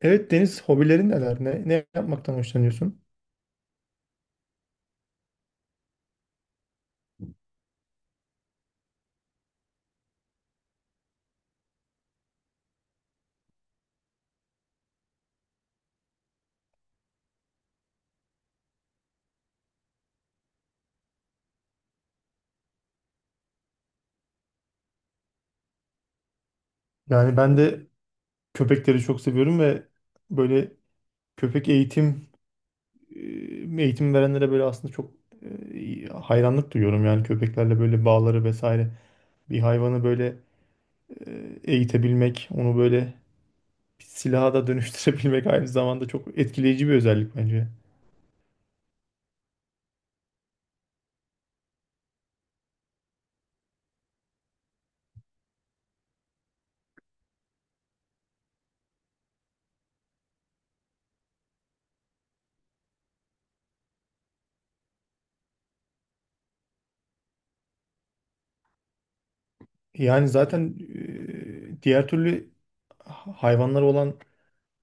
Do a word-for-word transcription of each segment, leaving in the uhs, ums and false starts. Evet Deniz, hobilerin neler? Ne, ne yapmaktan hoşlanıyorsun? Yani ben de köpekleri çok seviyorum ve böyle köpek eğitim e, eğitim verenlere böyle aslında çok e, hayranlık duyuyorum. Yani köpeklerle böyle bağları vesaire. Bir hayvanı böyle e, eğitebilmek, onu böyle bir silaha da dönüştürebilmek aynı zamanda çok etkileyici bir özellik bence. Yani zaten e, diğer türlü hayvanlara olan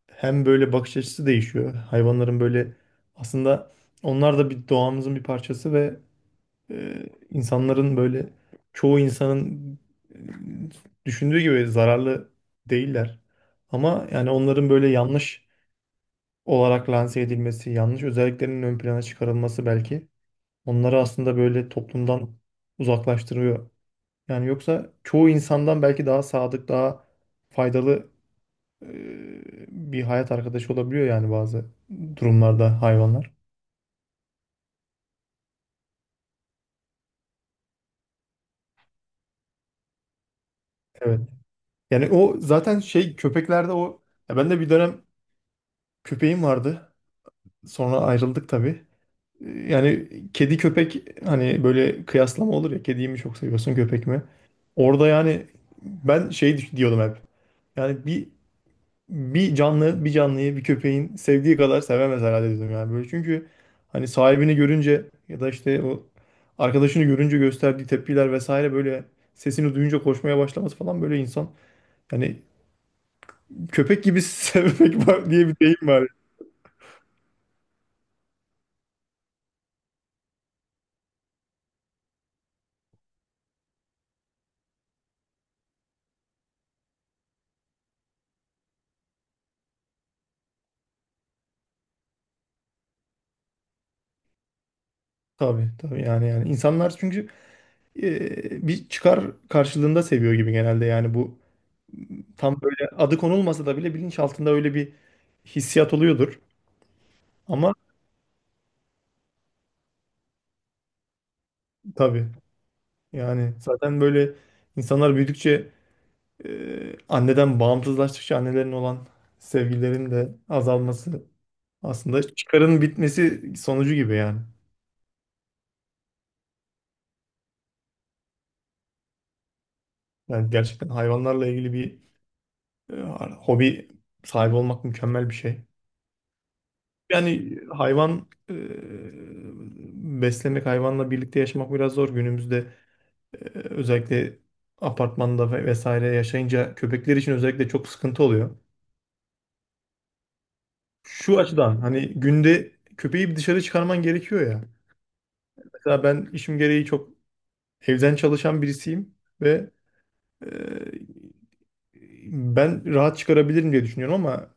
hem böyle bakış açısı değişiyor. Hayvanların böyle aslında onlar da bir doğamızın bir parçası ve e, insanların böyle çoğu insanın e, düşündüğü gibi zararlı değiller. Ama yani onların böyle yanlış olarak lanse edilmesi, yanlış özelliklerinin ön plana çıkarılması belki onları aslında böyle toplumdan uzaklaştırıyor. Yani yoksa çoğu insandan belki daha sadık, daha faydalı e, bir hayat arkadaşı olabiliyor yani bazı durumlarda hayvanlar. Evet. Yani o zaten şey köpeklerde o ya, ben de bir dönem köpeğim vardı. Sonra ayrıldık tabii. E, Yani kedi köpek hani böyle kıyaslama olur ya, kediyi mi çok seviyorsun köpek mi? Orada yani ben şey düş- diyordum hep. Yani bir bir canlı bir canlıyı bir köpeğin sevdiği kadar sevemez herhalde dedim yani böyle. Çünkü hani sahibini görünce ya da işte o arkadaşını görünce gösterdiği tepkiler vesaire, böyle sesini duyunca koşmaya başlaması falan, böyle insan yani, köpek gibi sevmek var diye bir deyim var. Tabii tabii, yani yani insanlar çünkü e, bir çıkar karşılığında seviyor gibi genelde. Yani bu tam böyle adı konulmasa da bile bilinçaltında öyle bir hissiyat oluyordur. Ama tabii, yani zaten böyle insanlar büyüdükçe, e, anneden bağımsızlaştıkça annelerin olan sevgilerin de azalması aslında çıkarın bitmesi sonucu gibi yani. Yani gerçekten hayvanlarla ilgili bir e, hobi sahibi olmak mükemmel bir şey. Yani hayvan e, beslemek, hayvanla birlikte yaşamak biraz zor günümüzde. E, özellikle apartmanda ve vesaire yaşayınca köpekler için özellikle çok sıkıntı oluyor. Şu açıdan, hani günde köpeği bir dışarı çıkarman gerekiyor ya. Mesela ben işim gereği çok evden çalışan birisiyim ve e, ben rahat çıkarabilirim diye düşünüyorum ama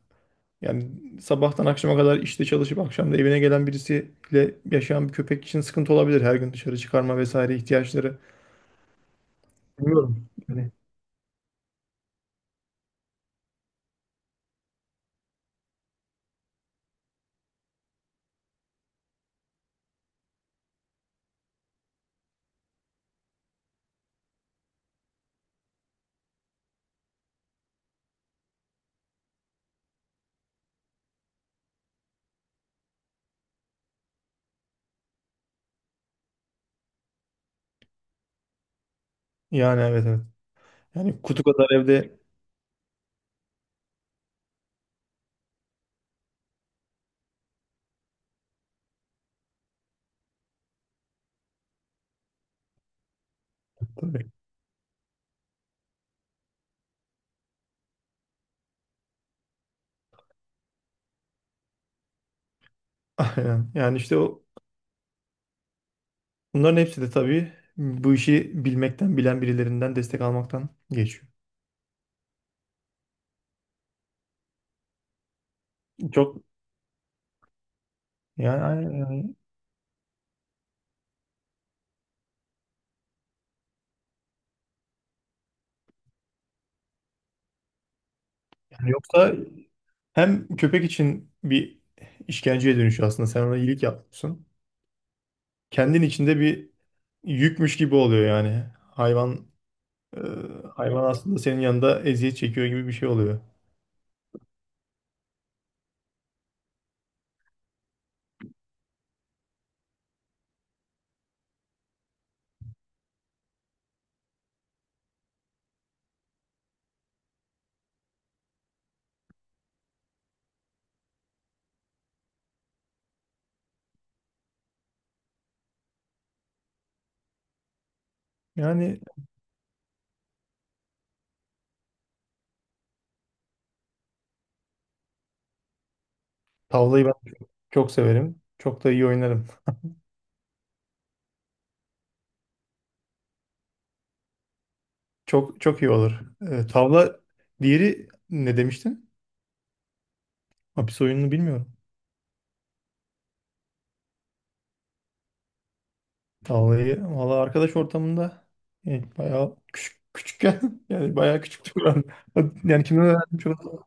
yani sabahtan akşama kadar işte çalışıp akşam da evine gelen birisiyle yaşayan bir köpek için sıkıntı olabilir. Her gün dışarı çıkarma vesaire ihtiyaçları. Bilmiyorum. Yani, yani evet, evet. Yani kutu kadar evde tabii. Aynen. Yani işte o, bunların hepsi de tabii bu işi bilmekten, bilen birilerinden destek almaktan geçiyor. Çok yani, yani yani yoksa hem köpek için bir işkenceye dönüşüyor aslında. Sen ona iyilik yapıyorsun. Kendin içinde bir yükmüş gibi oluyor yani. Hayvan e, hayvan aslında senin yanında eziyet çekiyor gibi bir şey oluyor. Yani tavlayı ben çok çok severim. Çok da iyi oynarım. Çok çok iyi olur. E, tavla, diğeri ne demiştin? Hapis oyununu bilmiyorum. Tavlayı valla arkadaş ortamında, yani bayağı küçük küçükken yani bayağı küçüktü Kur'an. Yani kimden öğrendim çok.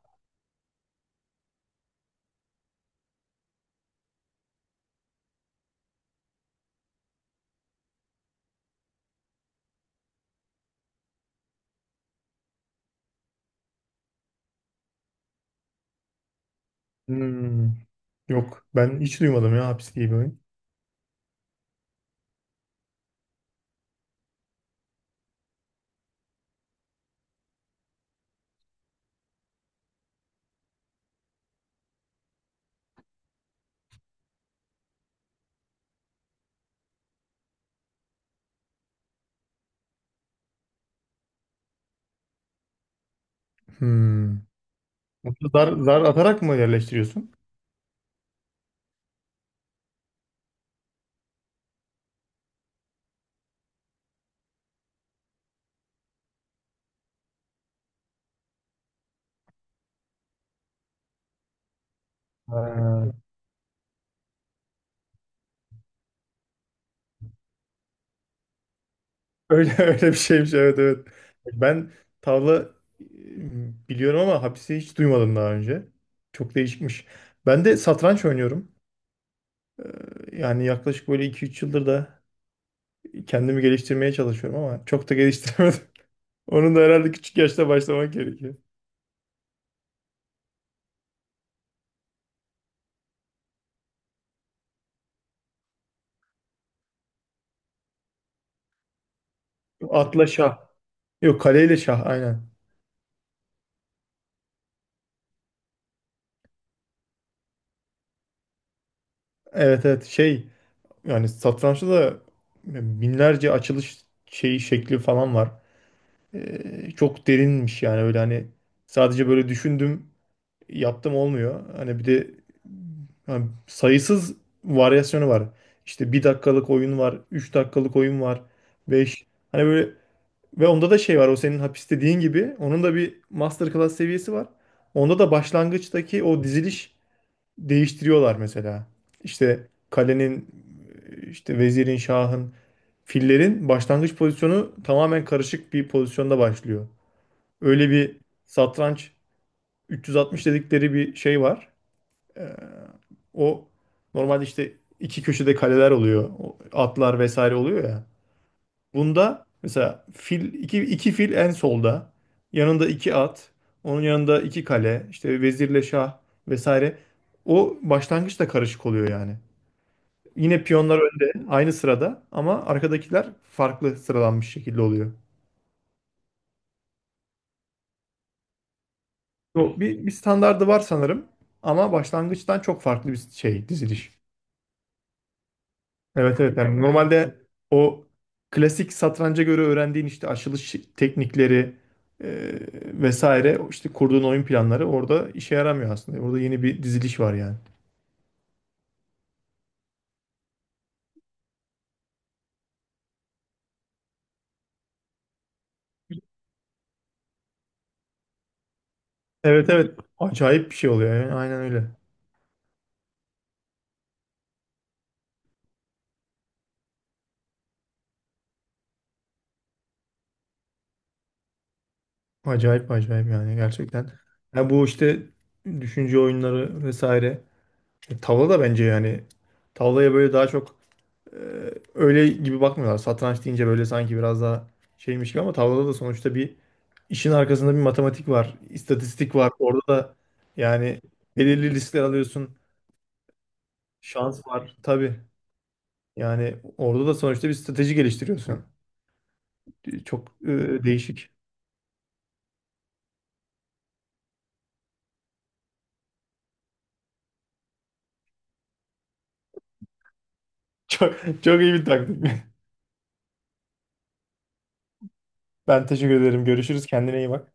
Hmm, yok ben hiç duymadım ya hapis diye bir oyun. Hmm. Zar, zar atarak mı yerleştiriyorsun? Ha. Öyle öyle bir şeymiş, evet evet. Ben tavla e, biliyorum ama hapisi hiç duymadım daha önce. Çok değişikmiş. Ben de satranç oynuyorum. Yani yaklaşık böyle iki üç yıldır da kendimi geliştirmeye çalışıyorum ama çok da geliştiremedim. Onun da herhalde küçük yaşta başlamak gerekiyor. Atla şah. Yok, kaleyle şah aynen. Evet evet, şey yani satrançta da binlerce açılış şeyi şekli falan var. Ee, çok derinmiş yani, öyle hani sadece böyle düşündüm yaptım olmuyor. Hani bir de hani sayısız varyasyonu var. İşte bir dakikalık oyun var, üç dakikalık oyun var, beş. Hani böyle, ve onda da şey var, o senin hapis dediğin gibi onun da bir masterclass seviyesi var. Onda da başlangıçtaki o diziliş değiştiriyorlar mesela. İşte kalenin, işte vezirin, şahın, fillerin başlangıç pozisyonu tamamen karışık bir pozisyonda başlıyor. Öyle bir satranç 360 dedikleri bir şey var. Ee, O normalde işte iki köşede kaleler oluyor, o atlar vesaire oluyor ya. Bunda mesela fil iki, iki fil en solda. Yanında iki at. Onun yanında iki kale. İşte vezirle şah vesaire. O başlangıç da karışık oluyor yani. Yine piyonlar önde aynı sırada ama arkadakiler farklı sıralanmış şekilde oluyor. Bu Bir, bir standardı var sanırım ama başlangıçtan çok farklı bir şey diziliş. Evet evet yani normalde o klasik satranca göre öğrendiğin işte açılış teknikleri, e, vesaire işte kurduğun oyun planları orada işe yaramıyor aslında. Orada yeni bir diziliş var yani. Evet evet, acayip bir şey oluyor yani, aynen öyle. Acayip acayip yani gerçekten. Ya bu işte düşünce oyunları vesaire. E, tavla da bence yani, tavlaya böyle daha çok e, öyle gibi bakmıyorlar. Satranç deyince böyle sanki biraz daha şeymiş gibi, ama tavlada da sonuçta bir, işin arkasında bir matematik var, istatistik var. Orada da yani belirli riskler alıyorsun. Şans var tabii. Yani orada da sonuçta bir strateji geliştiriyorsun. Çok e, değişik. Çok, çok iyi bir taktik. Ben teşekkür ederim. Görüşürüz. Kendine iyi bak.